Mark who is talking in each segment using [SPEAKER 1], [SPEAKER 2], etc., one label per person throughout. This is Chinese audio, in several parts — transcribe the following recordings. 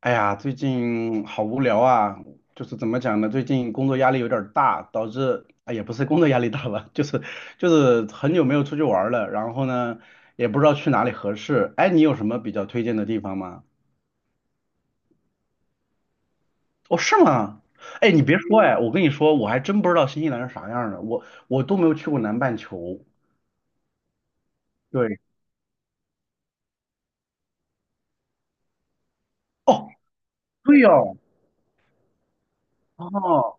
[SPEAKER 1] 哎呀，最近好无聊啊，就是怎么讲呢？最近工作压力有点儿大，导致哎也不是工作压力大吧，就是很久没有出去玩儿了，然后呢也不知道去哪里合适。哎，你有什么比较推荐的地方吗？哦，是吗？哎，你别说，哎，我跟你说，我还真不知道新西兰是啥样儿的，我都没有去过南半球。对，哦，对哦，哦。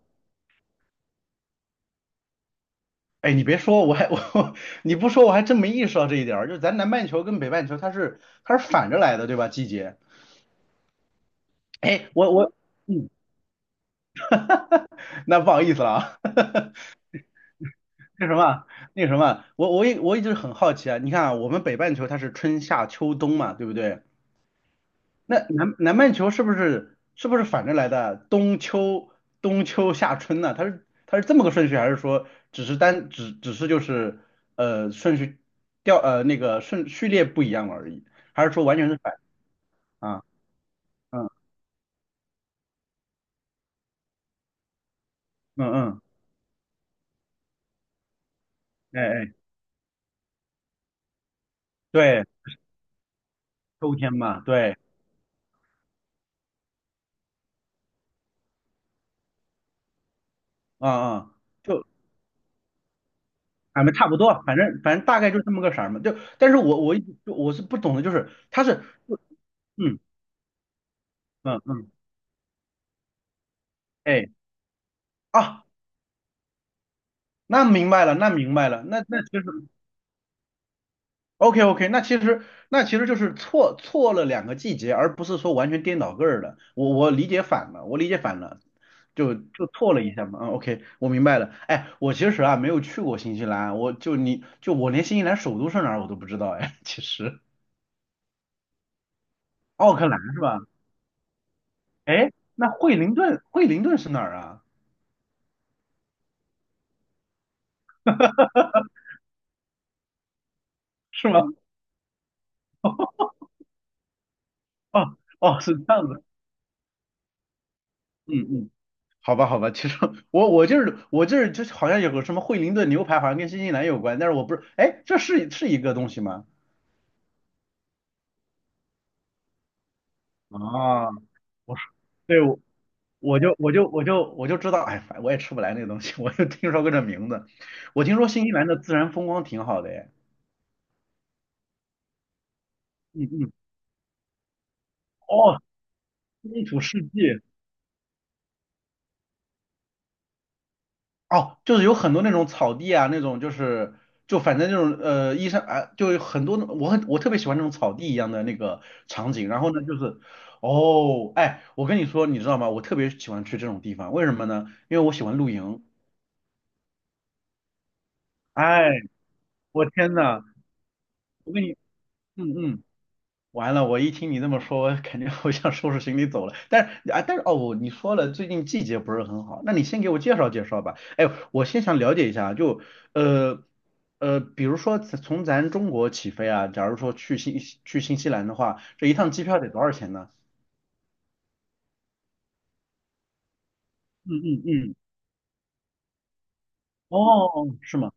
[SPEAKER 1] 哎，你别说，我还我 你不说我还真没意识到这一点儿，就是咱南半球跟北半球它是反着来的，对吧？季节。哎，我，嗯，那不好意思了啊，那什么，那什么，我一直很好奇啊，你看啊，我们北半球它是春夏秋冬嘛，对不对？那南半球是不是反着来的？冬秋冬秋夏春呢、它是这么个顺序，还是说只是就是呃顺序调呃那个顺序列不一样而已，还是说完全是反啊？嗯嗯嗯，哎哎，对，秋天嘛，对，嗯嗯。就。俺们差不多，反正大概就这么个色儿嘛。就，但是我一直就我是不懂的，就是它是，嗯嗯嗯，哎啊，那明白了，那明白了，那其实 OK OK，那其实就是错了两个季节，而不是说完全颠倒个儿的。我理解反了，我理解反了，就错了一下嘛。嗯，OK，我明白了。哎，我其实啊没有去过新西兰，我就你就我连新西兰首都是哪儿我都不知道哎，其实奥克兰是吧？哎，那惠灵顿是哪儿啊？是吗？哦哦，是这样子。嗯嗯，好吧好吧，其实我我就是我这儿就是就好像有个什么惠灵顿牛排，好像跟新西兰有关，但是我不是，哎，这是一个东西吗？啊，我说，对，我就知道，哎，反我也吃不来那个东西，我就听说过这名字。我听说新西兰的自然风光挺好的，哎，嗯嗯，哦，风土世界，哦，就是有很多那种草地啊，那种就是就反正那种医生啊，就有很多那我很我特别喜欢那种草地一样的那个场景。然后呢，就是哦，哎，我跟你说，你知道吗？我特别喜欢去这种地方，为什么呢？因为我喜欢露营。哎，我天呐，我跟你，嗯嗯。完了，我一听你这么说，我肯定 我想收拾行李走了。但是啊，但是哦，你说了，最近季节不是很好，那你先给我介绍介绍吧。哎，我先想了解一下，就呃比如说从咱中国起飞啊，假如说去新西兰的话，这一趟机票得多少钱呢？嗯嗯嗯，哦，是吗？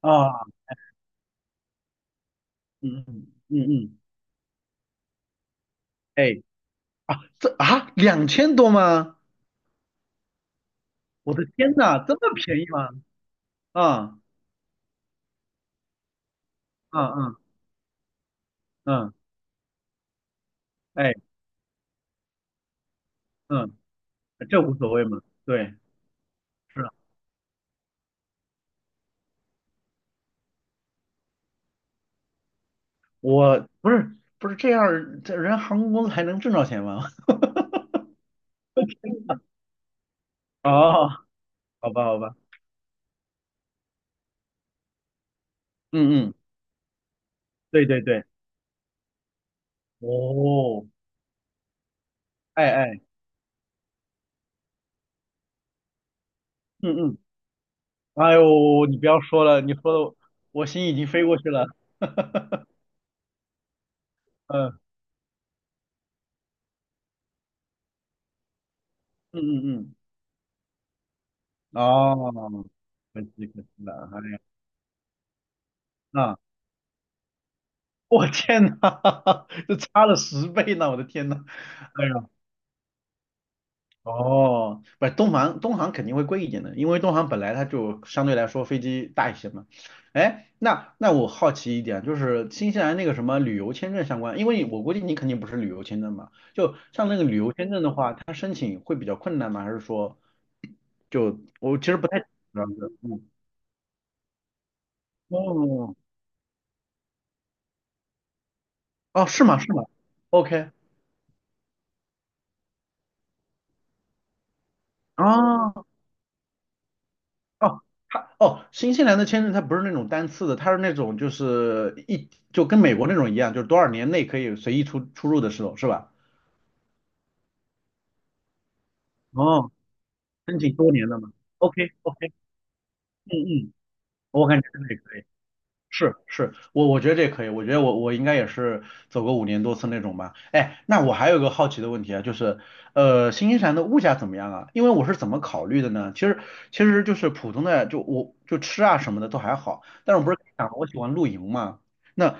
[SPEAKER 1] 啊，嗯嗯嗯嗯，哎啊，这啊2000多吗？我的天呐，这么便宜吗？啊啊啊嗯，哎。嗯这无所谓嘛。对，是啊，我不是这样儿这人航空公司还能挣着钱吗？哦，好吧，好吧，嗯嗯，对对对，哦，哎哎，嗯嗯，哎呦，你不要说了，你说的我心已经飞过去了，哈哈，嗯嗯嗯嗯，哦，可惜可惜了，哎呀，啊，我天呐，这差了10倍呢，我的天呐，哎呀。哦，不是东航，东航肯定会贵一点的，因为东航本来它就相对来说飞机大一些嘛。哎，那我好奇一点，就是新西兰那个什么旅游签证相关，因为我估计你肯定不是旅游签证嘛，就像那个旅游签证的话，它申请会比较困难吗？还是说就我其实不太知道这个嗯，哦，哦，是吗？是吗？OK，啊。哦，新西兰的签证它不是那种单次的，它是那种就是跟美国那种一样，就是多少年内可以随意出入的时候，是吧？哦，申请多年的嘛。OK OK，嗯嗯，我感觉这个也可以。是是，我觉得这可以，我觉得我应该也是走个5年多次那种吧。哎，那我还有一个好奇的问题啊，就是新西兰的物价怎么样啊？因为我是怎么考虑的呢？其实就是普通的，就我就吃啊什么的都还好，但是我不是跟你讲了我喜欢露营嘛？那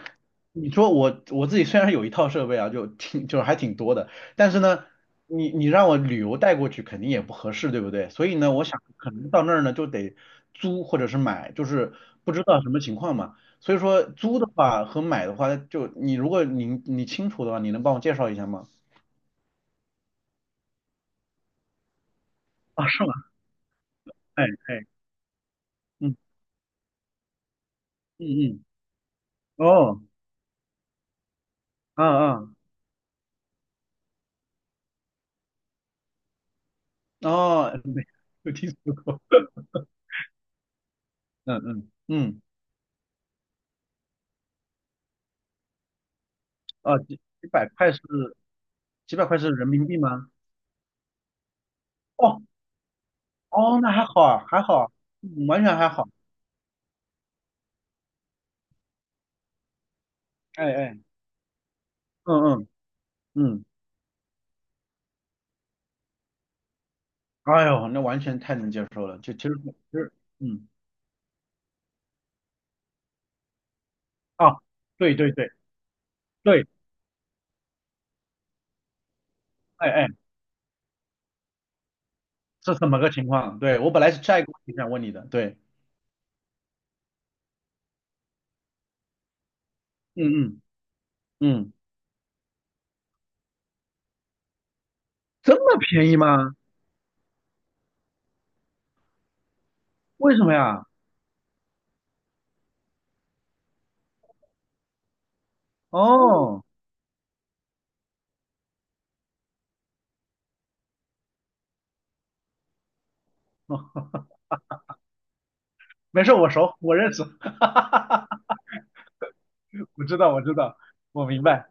[SPEAKER 1] 你说我自己虽然有一套设备啊，就挺就是还挺多的，但是呢，你让我旅游带过去肯定也不合适，对不对？所以呢，我想可能到那儿呢就得租或者是买，就是不知道什么情况嘛。所以说租的话和买的话，如果你清楚的话，你能帮我介绍一下吗？啊，是吗？哎哎，嗯嗯嗯，哦，啊啊哦，没有听说过，嗯嗯嗯，啊，几百块是几百块是人民币吗？哦哦，那还好啊，还好啊，完全还好，哎哎，嗯嗯嗯，哎呦，那完全太能接受了，就其实，嗯，啊，对对对对，哎哎，是怎么个情况？对，我本来是下一个问题想问你的，对。嗯嗯嗯，这么便宜吗？为什么呀？哦，没事，我熟，我认识，哈哈哈哈，我知道，我知道，我明白，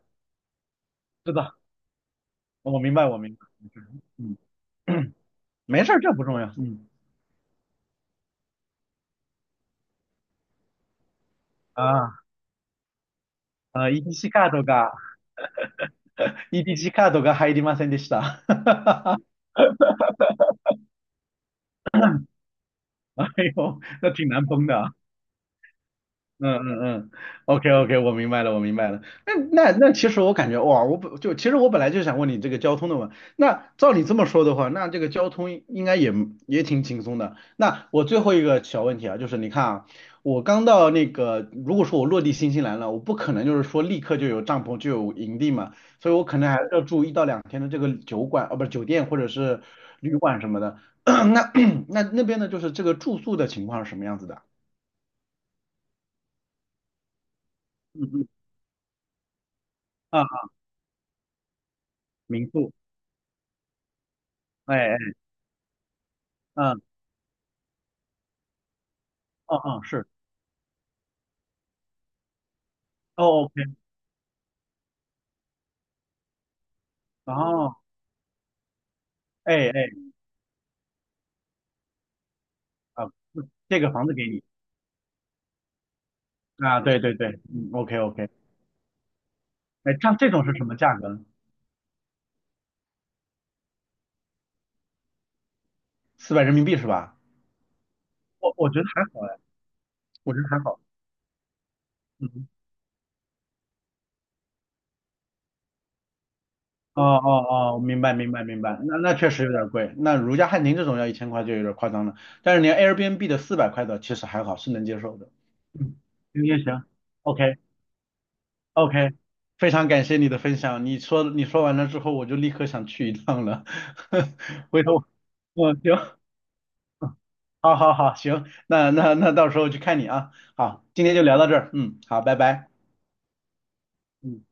[SPEAKER 1] 知道，我明白，我明白，嗯，没事儿，这不重要，嗯啊EDC カードが、EDC カードが入りませんでした。哎呦，那挺难崩的啊。嗯嗯嗯，OK OK，我明白了，我明白了。那那那，其实我感觉哇，我本就其实我本来就想问你这个交通的嘛。那照你这么说的话，那这个交通应该也挺轻松的。那我最后一个小问题啊，就是你看啊，我刚到那个，如果说我落地新西兰了，我不可能就是说立刻就有帐篷就有营地嘛，所以我可能还是要住一到两天的这个酒馆，不是酒店或者是旅馆什么的。那 那边呢，就是这个住宿的情况是什么样子的？嗯嗯啊，民宿。哎哎，嗯嗯嗯，哦哦是，哦 OK，哦，哎哎啊，这个房子给你啊，对对对，嗯 OK OK，哎，像这种是什么价格呢？400人民币是吧？我觉得还好哎，我觉得还好，嗯，哦哦哦，明白明白明白，那确实有点贵，那如家汉庭这种要1000块就有点夸张了，但是连 Airbnb 的400块的其实还好，是能接受的，嗯，行行行，OK。OK，非常感谢你的分享。你说完了之后，我就立刻想去一趟了。回头，嗯，行，好好好，行，那到时候去看你啊。好，今天就聊到这儿，嗯，好，拜拜。嗯。